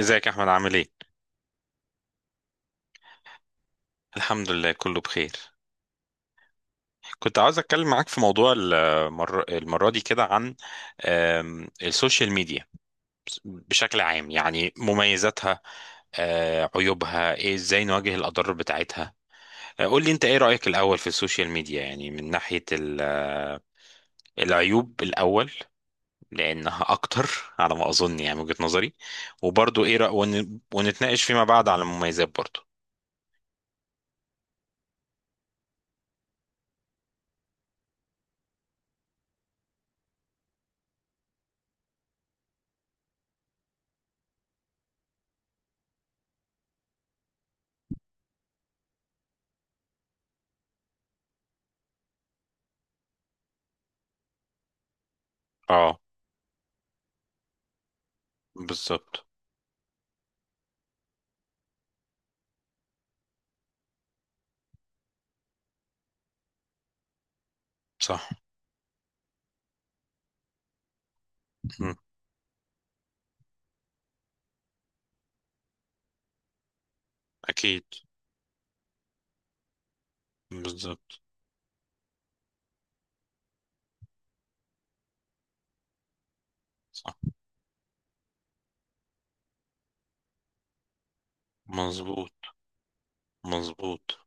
ازيك يا احمد، عامل ايه؟ الحمد لله، كله بخير. كنت عاوز اتكلم معاك في موضوع المرة دي كده عن السوشيال ميديا بشكل عام، يعني مميزاتها، عيوبها ايه، ازاي نواجه الاضرار بتاعتها. قول لي انت ايه رأيك الاول في السوشيال ميديا، يعني من ناحية العيوب الاول، لانها اكتر على ما اظن، يعني من وجهة نظري. وبرضو ايه ونتناقش فيما بعد على المميزات برضو. اه، بالظبط. صح. مم. اكيد، بالظبط. صح. مظبوط. مظبوط.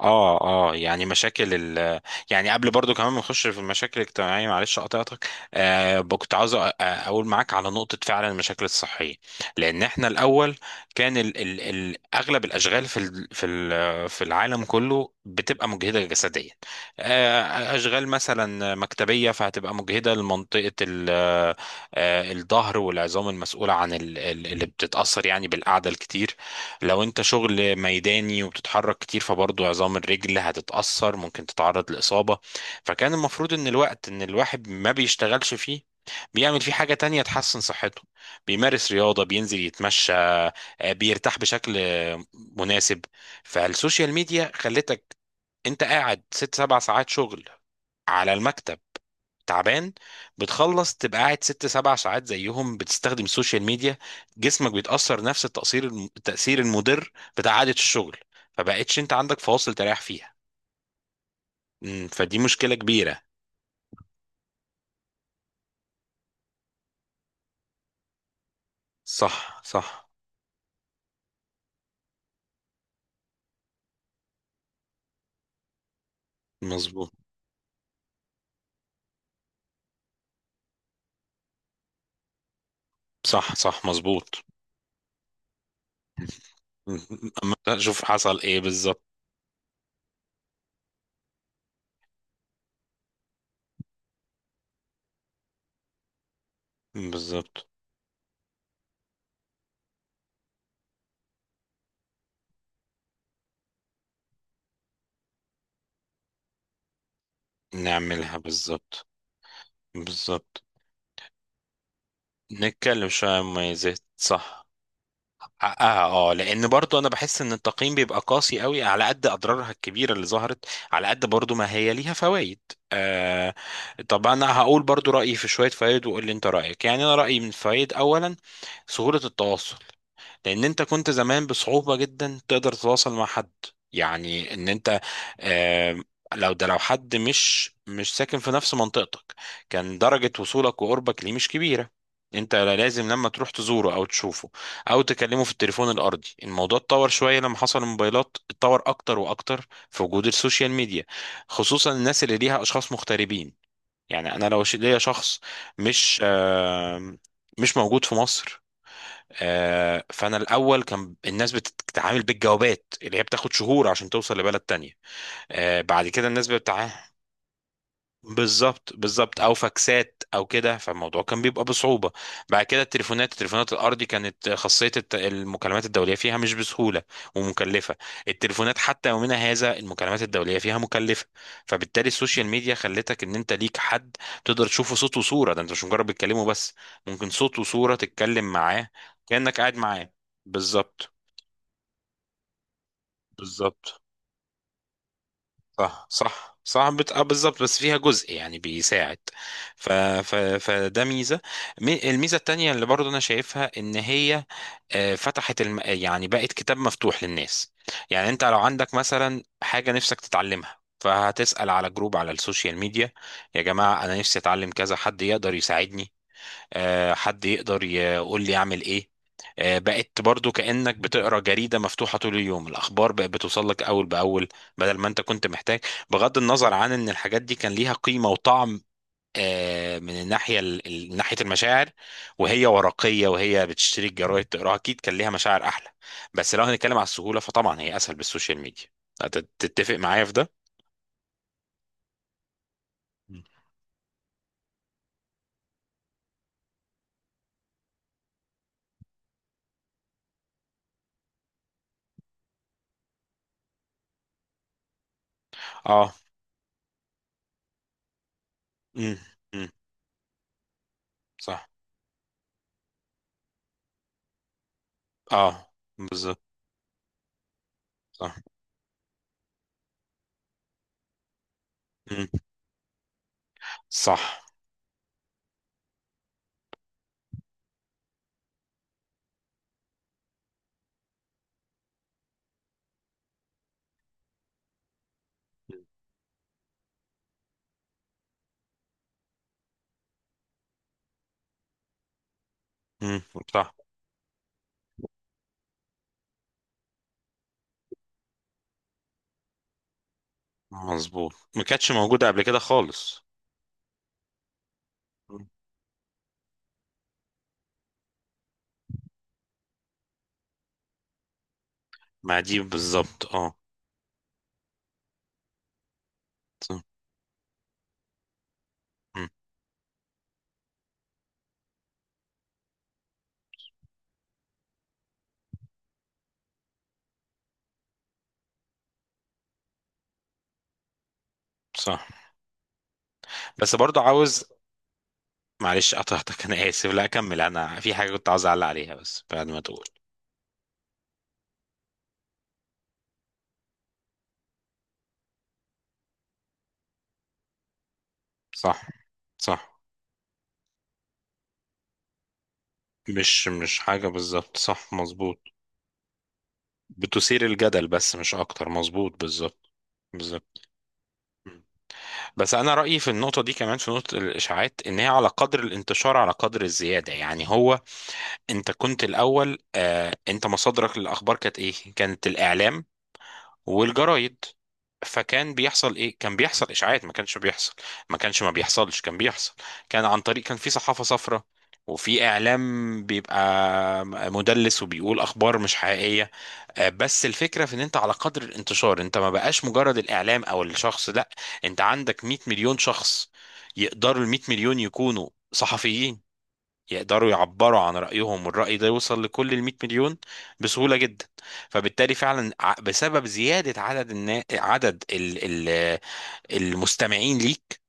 اه اه، يعني مشاكل يعني قبل برضو كمان ما نخش في المشاكل الاجتماعيه، معلش قطعتك. كنت عاوز اقول معاك على نقطه، فعلا المشاكل الصحيه، لان احنا الاول كان ال اغلب الاشغال في العالم كله بتبقى مجهده جسديا. اشغال مثلا مكتبيه، فهتبقى مجهده لمنطقه الظهر والعظام المسؤوله عن ال اللي بتتاثر يعني بالقعده الكتير. لو انت شغل ميداني وبتتحرك كتير، فبرضه عظام الرجل هتتأثر، ممكن تتعرض لإصابة. فكان المفروض ان الوقت ان الواحد ما بيشتغلش فيه، بيعمل فيه حاجة تانية تحسن صحته، بيمارس رياضة، بينزل يتمشى، بيرتاح بشكل مناسب. فالسوشيال ميديا خلتك انت قاعد 6 7 ساعات شغل على المكتب تعبان، بتخلص تبقى قاعد 6 7 ساعات زيهم بتستخدم السوشيال ميديا. جسمك بيتأثر نفس التأثير التأثير المضر بتاع عادة الشغل، فبقتش انت عندك فواصل تريح فيها. فدي مشكلة كبيرة. صح صح، مظبوط. صح صح، مظبوط. مم، أما اشوف حصل ايه بالظبط. بالظبط، نعملها. بالظبط. بالظبط. نتكلم شوية عن مميزات، صح. حقها، اه، لان برضو انا بحس ان التقييم بيبقى قاسي قوي على قد اضرارها الكبيره اللي ظهرت، على قد برضو ما هي ليها فوائد. آه طب انا هقول برضو رايي في شويه فوائد وقول لي انت رايك. يعني انا رايي من فوائد، اولا سهوله التواصل، لان انت كنت زمان بصعوبة جدا تقدر تتواصل مع حد. يعني ان انت، آم، لو ده، لو حد مش ساكن في نفس منطقتك، كان درجة وصولك وقربك ليه مش كبيرة. انت لازم لما تروح تزوره او تشوفه او تكلمه في التليفون الارضي. الموضوع اتطور شوية لما حصل الموبايلات، اتطور اكتر واكتر في وجود السوشيال ميديا، خصوصا الناس اللي ليها اشخاص مغتربين. يعني انا لو ليا شخص مش آم، مش موجود في مصر. فانا الاول كان الناس بتتعامل بالجوابات اللي هي بتاخد شهور عشان توصل لبلد تانية. بعد كده الناس بتتعامل. بالظبط، بالظبط، او فاكسات او كده، فالموضوع كان بيبقى بصعوبه. بعد كده التليفونات الارضي، كانت خاصيه المكالمات الدوليه فيها مش بسهوله ومكلفه. التليفونات حتى يومنا هذا المكالمات الدوليه فيها مكلفه. فبالتالي السوشيال ميديا خلتك ان انت ليك حد تقدر تشوفه صوت وصوره، ده انت مش مجرد بتكلمه بس، ممكن صوت وصوره تتكلم معاه، كانك قاعد معاه، بالظبط. بالظبط. صح صح صح، بت... آه بالظبط، بس فيها جزء يعني بيساعد. ف... فده ميزة. الميزة التانية اللي برضو أنا شايفها إن هي فتحت، يعني بقت كتاب مفتوح للناس. يعني أنت لو عندك مثلا حاجة نفسك تتعلمها، فهتسأل على جروب على السوشيال ميديا: يا جماعة أنا نفسي أتعلم كذا، حد يقدر يساعدني؟ حد يقدر يقول لي اعمل ايه؟ بقت برضو كأنك بتقرا جريدة مفتوحة طول اليوم، الأخبار بقت بتوصل لك أول بأول، بدل ما أنت كنت محتاج، بغض النظر عن إن الحاجات دي كان ليها قيمة وطعم من الناحية ناحية المشاعر، وهي ورقية وهي بتشتري الجرايد تقراها، أكيد كان ليها مشاعر أحلى، بس لو هنتكلم على السهولة فطبعا هي أسهل بالسوشيال ميديا. تتفق معايا في ده؟ مم. اه. امم. امم. صح. اه، بالظبط. صح. امم. صح. مم. صح، مظبوط. ما كانتش موجودة قبل كده خالص. مم. مع دي بالظبط، اه. صح. مم. صح. بس برضو عاوز، معلش قطعتك انا اسف، لا، اكمل، انا في حاجة كنت عاوز اعلق عليها بس بعد ما تقول. صح. صح. مش حاجة، بالظبط، صح، مظبوط. بتثير الجدل بس مش اكتر، مظبوط، بالظبط. بالظبط. مم. بس انا رأيي في النقطة دي، كمان في نقطة الاشاعات، ان هي على قدر الانتشار على قدر الزيادة. يعني هو انت كنت الاول، انت مصادرك للاخبار كانت ايه، كانت الاعلام والجرايد. فكان بيحصل ايه؟ كان بيحصل اشاعات. ما كانش بيحصل، ما كانش، ما بيحصلش، كان بيحصل، كان عن طريق، كان في صحافة صفراء وفي اعلام بيبقى مدلس وبيقول اخبار مش حقيقيه. بس الفكره في ان انت على قدر الانتشار، انت ما بقاش مجرد الاعلام او الشخص، لا، انت عندك 100 مليون شخص، يقدروا ال 100 مليون يكونوا صحفيين، يقدروا يعبروا عن رأيهم والرأي ده يوصل لكل ال 100 مليون بسهولة جدا. فبالتالي فعلا، بسبب زيادة عدد النا... عدد ال... ال... المستمعين ليك.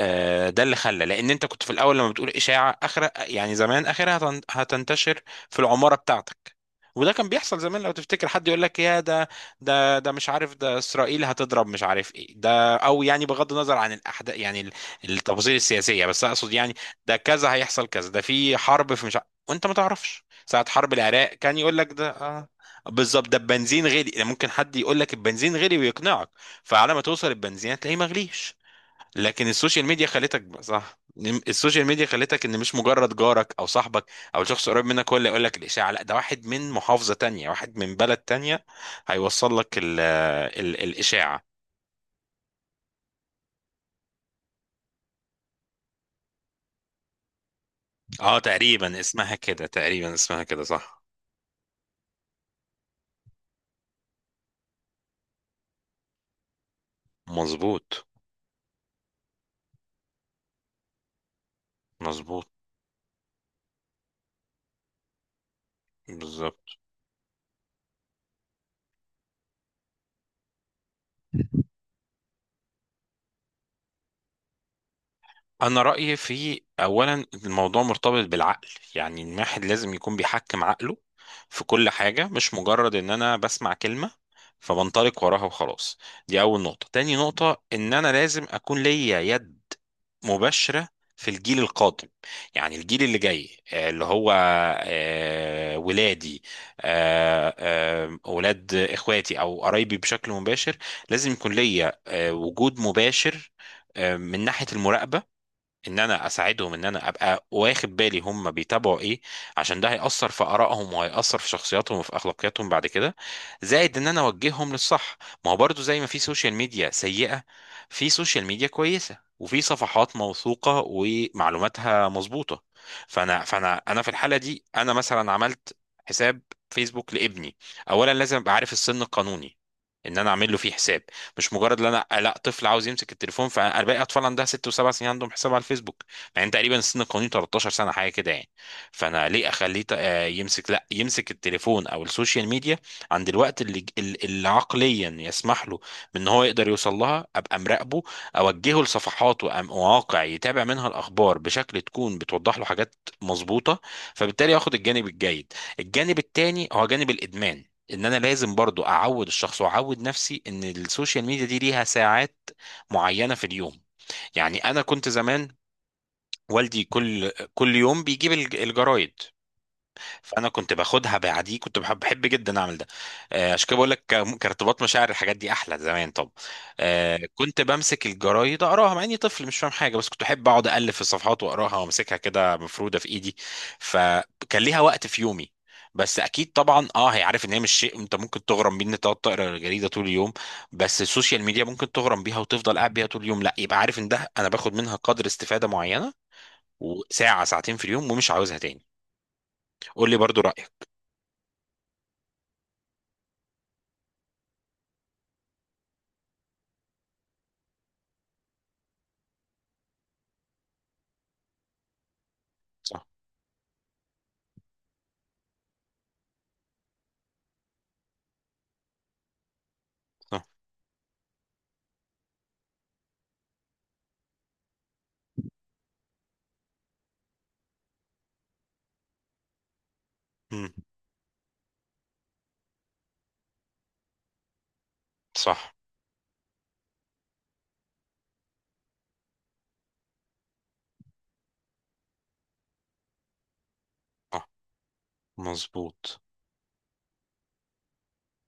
ده اللي خلى، لان انت كنت في الاول لما بتقول اشاعه اخر، يعني زمان اخرها هتنتشر في العماره بتاعتك. وده كان بيحصل زمان لو تفتكر، حد يقول لك: يا ده، ده مش عارف، ده اسرائيل هتضرب، مش عارف ايه ده، او يعني بغض النظر عن الاحداث، يعني التفاصيل السياسيه، بس اقصد يعني ده كذا هيحصل كذا، ده في حرب، في مش عارف، وانت ما تعرفش ساعه حرب العراق كان يقول لك ده. بالظبط، ده البنزين غلي، ممكن حد يقول لك البنزين غلي ويقنعك، فعلى ما توصل البنزين هتلاقيه مغليش. لكن السوشيال ميديا خلتك، صح. السوشيال ميديا خلتك ان مش مجرد جارك او صاحبك او شخص قريب منك هو اللي يقول لك الاشاعه، لا، ده واحد من محافظه تانية، واحد من بلد تانية هيوصل لك ال الاشاعه اه، تقريبا اسمها كده، تقريبا اسمها كده، صح. مظبوط. مظبوط. بالظبط. انا رايي في، اولا الموضوع مرتبط بالعقل. يعني الواحد لازم يكون بيحكم عقله في كل حاجه، مش مجرد ان انا بسمع كلمه فبنطلق وراها وخلاص. دي اول نقطه. تاني نقطه، ان انا لازم اكون ليا يد مباشره في الجيل القادم. يعني الجيل اللي جاي، اللي هو ولادي، ولاد اخواتي او قرايبي بشكل مباشر. لازم يكون ليا وجود مباشر من ناحيه المراقبه، ان انا اساعدهم، ان انا ابقى واخد بالي هم بيتابعوا ايه، عشان ده هيأثر في آرائهم وهيأثر في شخصياتهم وفي اخلاقياتهم بعد كده. زائد ان انا اوجههم للصح، ما هو برضو زي ما في سوشيال ميديا سيئة، في سوشيال ميديا كويسة وفي صفحات موثوقة ومعلوماتها مظبوطة. فانا انا في الحالة دي، انا مثلا عملت حساب فيسبوك لابني. اولا لازم ابقى عارف السن القانوني ان انا اعمل له فيه حساب، مش مجرد ان انا، لا، طفل عاوز يمسك التليفون، فانا باقي اطفال عندها 6 و7 سنين عندهم حساب على الفيسبوك. مع ان تقريبا السن القانوني 13 سنه حاجه كده يعني. فانا ليه اخليه يمسك، لا يمسك التليفون او السوشيال ميديا، عند الوقت اللي عقليا يسمح له بان هو يقدر يوصل لها. ابقى مراقبه، اوجهه لصفحات ومواقع يتابع منها الاخبار بشكل تكون بتوضح له حاجات مظبوطه، فبالتالي ياخد الجانب الجيد. الجانب التاني هو جانب الادمان، ان انا لازم برضو اعود الشخص واعود نفسي ان السوشيال ميديا دي ليها ساعات معينة في اليوم. يعني انا كنت زمان والدي كل يوم بيجيب الجرايد، فانا كنت باخدها بعدي. كنت بحب جدا اعمل ده. عشان كده بقول لك كارتباط مشاعر الحاجات دي احلى زمان. طب، كنت بمسك الجرايد اقراها مع اني طفل مش فاهم حاجه، بس كنت احب اقعد الف في الصفحات واقراها وامسكها كده مفروده في ايدي، فكان ليها وقت في يومي. بس اكيد طبعا، اه، هي عارف ان هي مش شيء انت ممكن تغرم بيه، ان انت تقعد تقرا الجريده طول اليوم. بس السوشيال ميديا ممكن تغرم بيها وتفضل قاعد بيها طول اليوم، لا، يبقى عارف ان ده انا باخد منها قدر استفاده معينه، وساعه ساعتين في اليوم، ومش عاوزها تاني. قول لي برضو رايك. صح. مم. صح صح، مظبوط.